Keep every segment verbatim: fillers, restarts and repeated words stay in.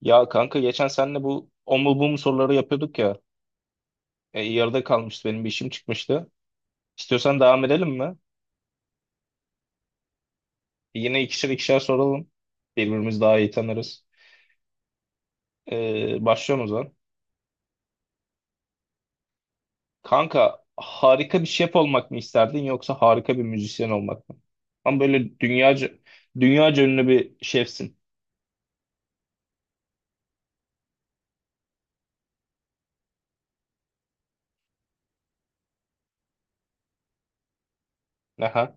Ya kanka geçen senle bu o mu bu mu soruları yapıyorduk ya. E, yarıda kalmıştı, benim bir işim çıkmıştı. İstiyorsan devam edelim mi? E, Yine ikişer ikişer soralım. Birbirimizi daha iyi tanırız. E, başlıyorum o zaman. Kanka harika bir şef olmak mı isterdin yoksa harika bir müzisyen olmak mı? Ama böyle dünyaca, dünyaca ünlü bir şefsin. Aha.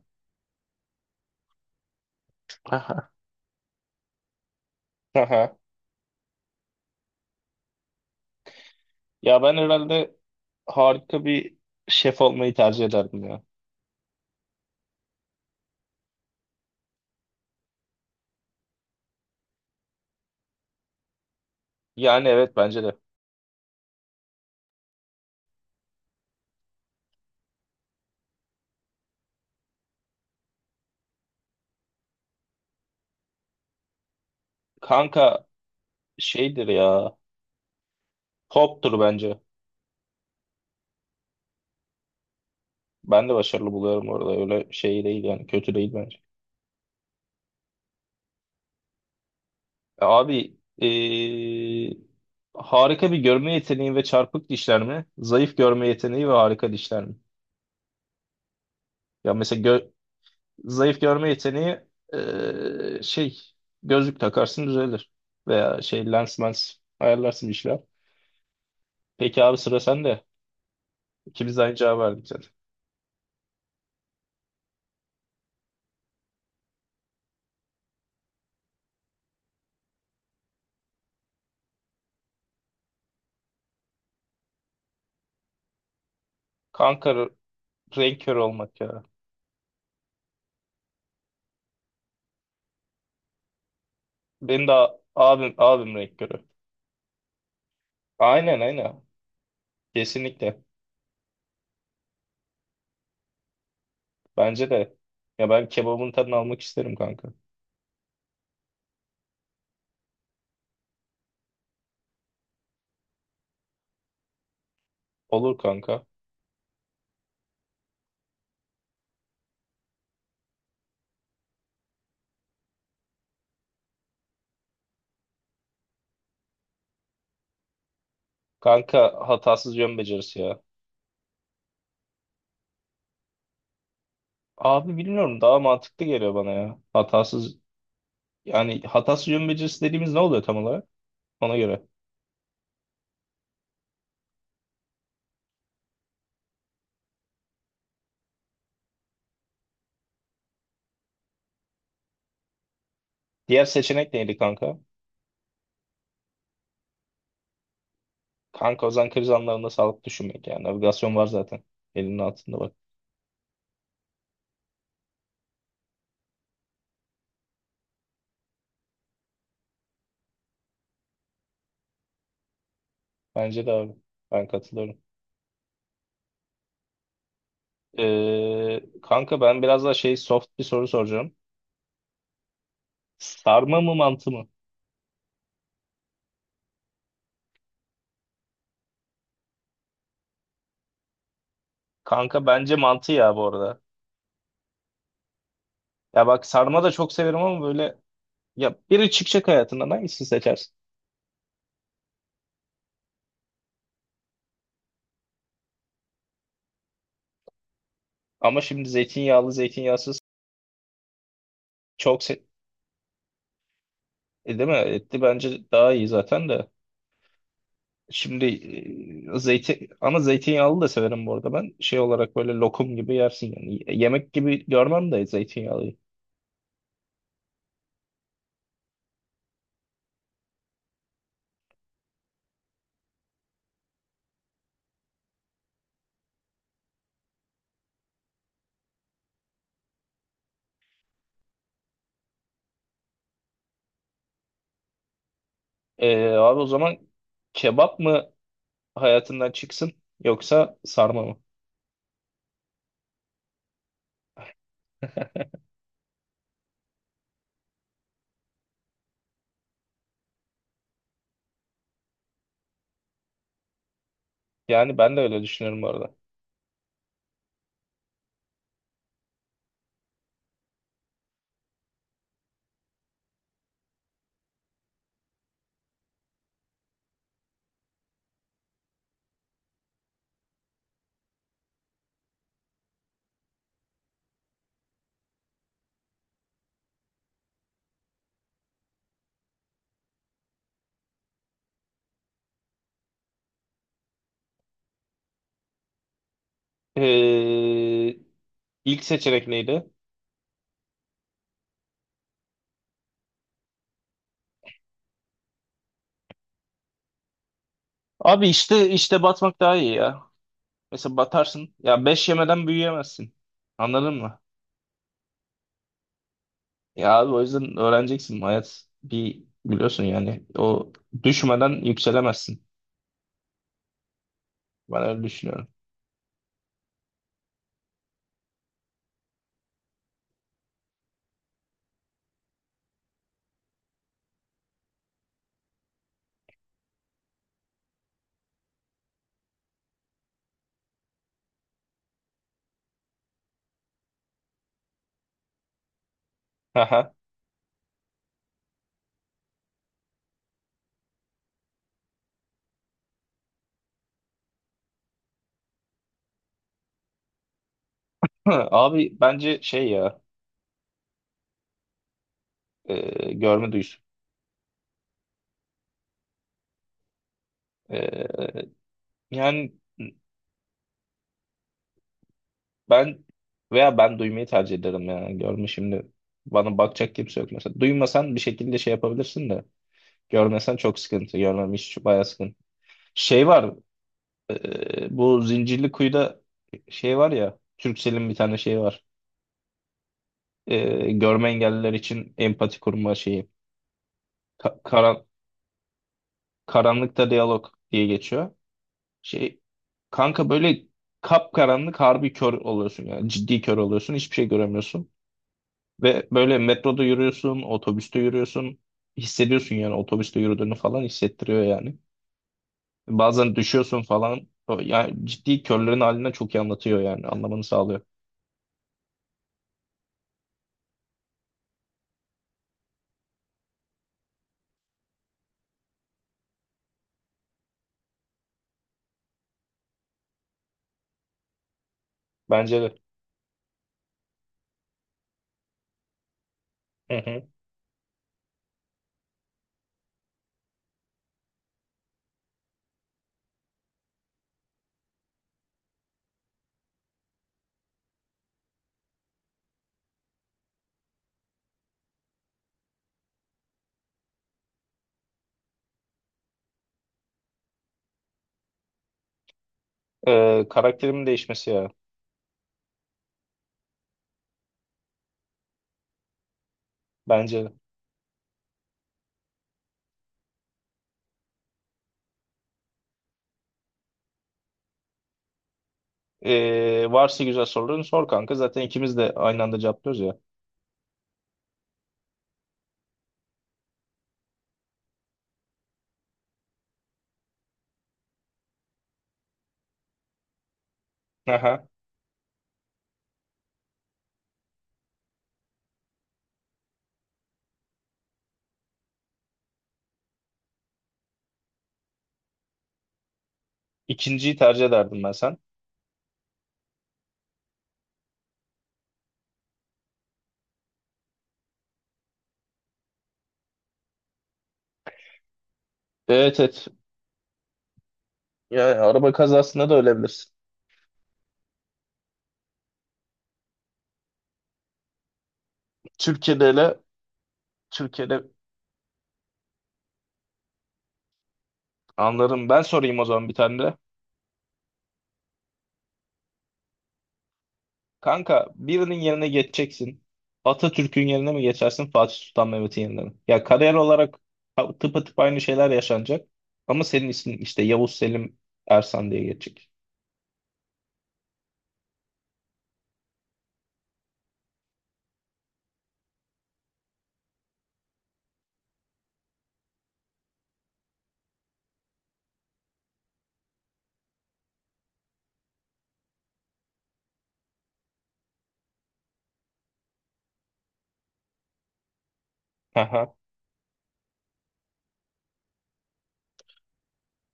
Aha. Aha. Ya ben herhalde harika bir şef olmayı tercih ederdim ya. Yani evet, bence de. Kanka şeydir ya. Pop'tur bence. Ben de başarılı buluyorum orada. Öyle şey değil yani. Kötü değil bence. E, Abi eee, harika bir görme yeteneği ve çarpık dişler mi? Zayıf görme yeteneği ve harika dişler mi? Ya mesela gö- zayıf görme yeteneği eee, şey, gözlük takarsın, düzelir. Veya şey, lens mens ayarlarsın bir şeyler. Peki abi, sıra sende. İkimiz de aynı cevabı verdik zaten. Kanka r- renk körü olmak ya. Benim de a- abim abim renk körü. Aynen, aynen. Kesinlikle. Bence de. Ya ben kebabın tadını almak isterim kanka. Olur kanka. Kanka hatasız yön becerisi ya. Abi bilmiyorum, daha mantıklı geliyor bana ya. Hatasız yani hatasız yön becerisi dediğimiz ne oluyor tam olarak? Ona göre. Diğer seçenek neydi kanka? Kanka o zaman kriz anlarında sağlıklı düşünmek yani. Navigasyon var zaten. Elinin altında bak. Bence de abi. Ben katılıyorum. Ee, kanka ben biraz daha şey, soft bir soru soracağım. Sarma mı mantı mı? Kanka bence mantı ya, bu arada. Ya bak, sarma da çok severim ama böyle, ya biri çıkacak hayatından, hangisini seçersin? Ama şimdi zeytinyağlı zeytinyağsız çok se e, değil mi? Etli bence daha iyi zaten de. Şimdi e, zeytin, ama zeytinyağlı da severim bu arada ben. Şey olarak böyle lokum gibi yersin yani. Y- e, Yemek gibi görmem de zeytinyağlıyı. E, abi, o zaman kebap mı hayatından çıksın yoksa sarma mı? Yani ben de öyle düşünüyorum bu arada. E, ilk seçenek neydi? Abi işte işte batmak daha iyi ya. Mesela batarsın. Ya beş yemeden büyüyemezsin. Anladın mı? Ya abi, o yüzden öğreneceksin. Hayat bir biliyorsun yani. O düşmeden yükselemezsin. Ben öyle düşünüyorum. Aha. Hı, Abi bence şey ya, e, görme duyusu. E, yani ben veya ben duymayı tercih ederim ya. Görme şimdi bana bakacak kimse yok mesela. Duymasan bir şekilde şey yapabilirsin de, görmesen çok sıkıntı. Görmem hiç, bayağı sıkıntı. Şey var. Ee, bu Zincirli Kuyu'da şey var ya, Turkcell'in bir tane şeyi var. Ee, görme engelliler için empati kurma şeyi. Ka- karan Karanlıkta diyalog diye geçiyor. Şey kanka, böyle kapkaranlık, harbi kör oluyorsun yani, ciddi kör oluyorsun, hiçbir şey göremiyorsun. Ve böyle metroda yürüyorsun, otobüste yürüyorsun. Hissediyorsun yani, otobüste yürüdüğünü falan hissettiriyor yani. Bazen düşüyorsun falan. O- Yani ciddi, körlerin haline çok iyi anlatıyor yani, anlamanı sağlıyor. Bence de. Hı hı. Ee, karakterimin değişmesi ya. Bence. Ee, varsa güzel soruların sor kanka. Zaten ikimiz de aynı anda cevaplıyoruz ya. Aha. İkinciyi tercih ederdim ben, sen? Evet, evet. Ya araba kazasında da ölebilirsin. Türkiye'de hele, Türkiye'de anlarım. Ben sorayım o zaman bir tane de. Kanka birinin yerine geçeceksin. Atatürk'ün yerine mi geçersin, Fatih Sultan Mehmet'in yerine mi? Ya kariyer olarak ha- tıpatıp aynı şeyler yaşanacak. Ama senin ismin işte Yavuz Selim Ersan diye geçecek. Aha.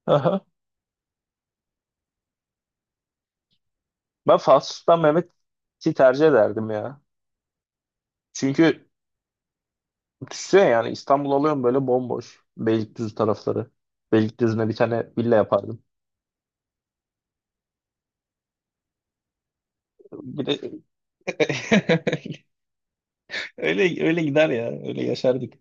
Ben Fatih Sultan Mehmet'i tercih ederdim ya. Çünkü düşünsene yani, İstanbul alıyorum böyle bomboş. Beylikdüzü tarafları. Beylikdüzü'ne bir tane villa yapardım. Bir de öyle öyle gider ya. Öyle yaşardık.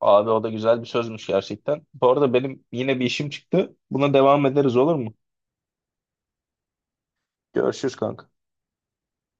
Abi o da güzel bir sözmüş gerçekten. Bu arada benim yine bir işim çıktı. Buna devam ederiz, olur mu? Görüşürüz kanka.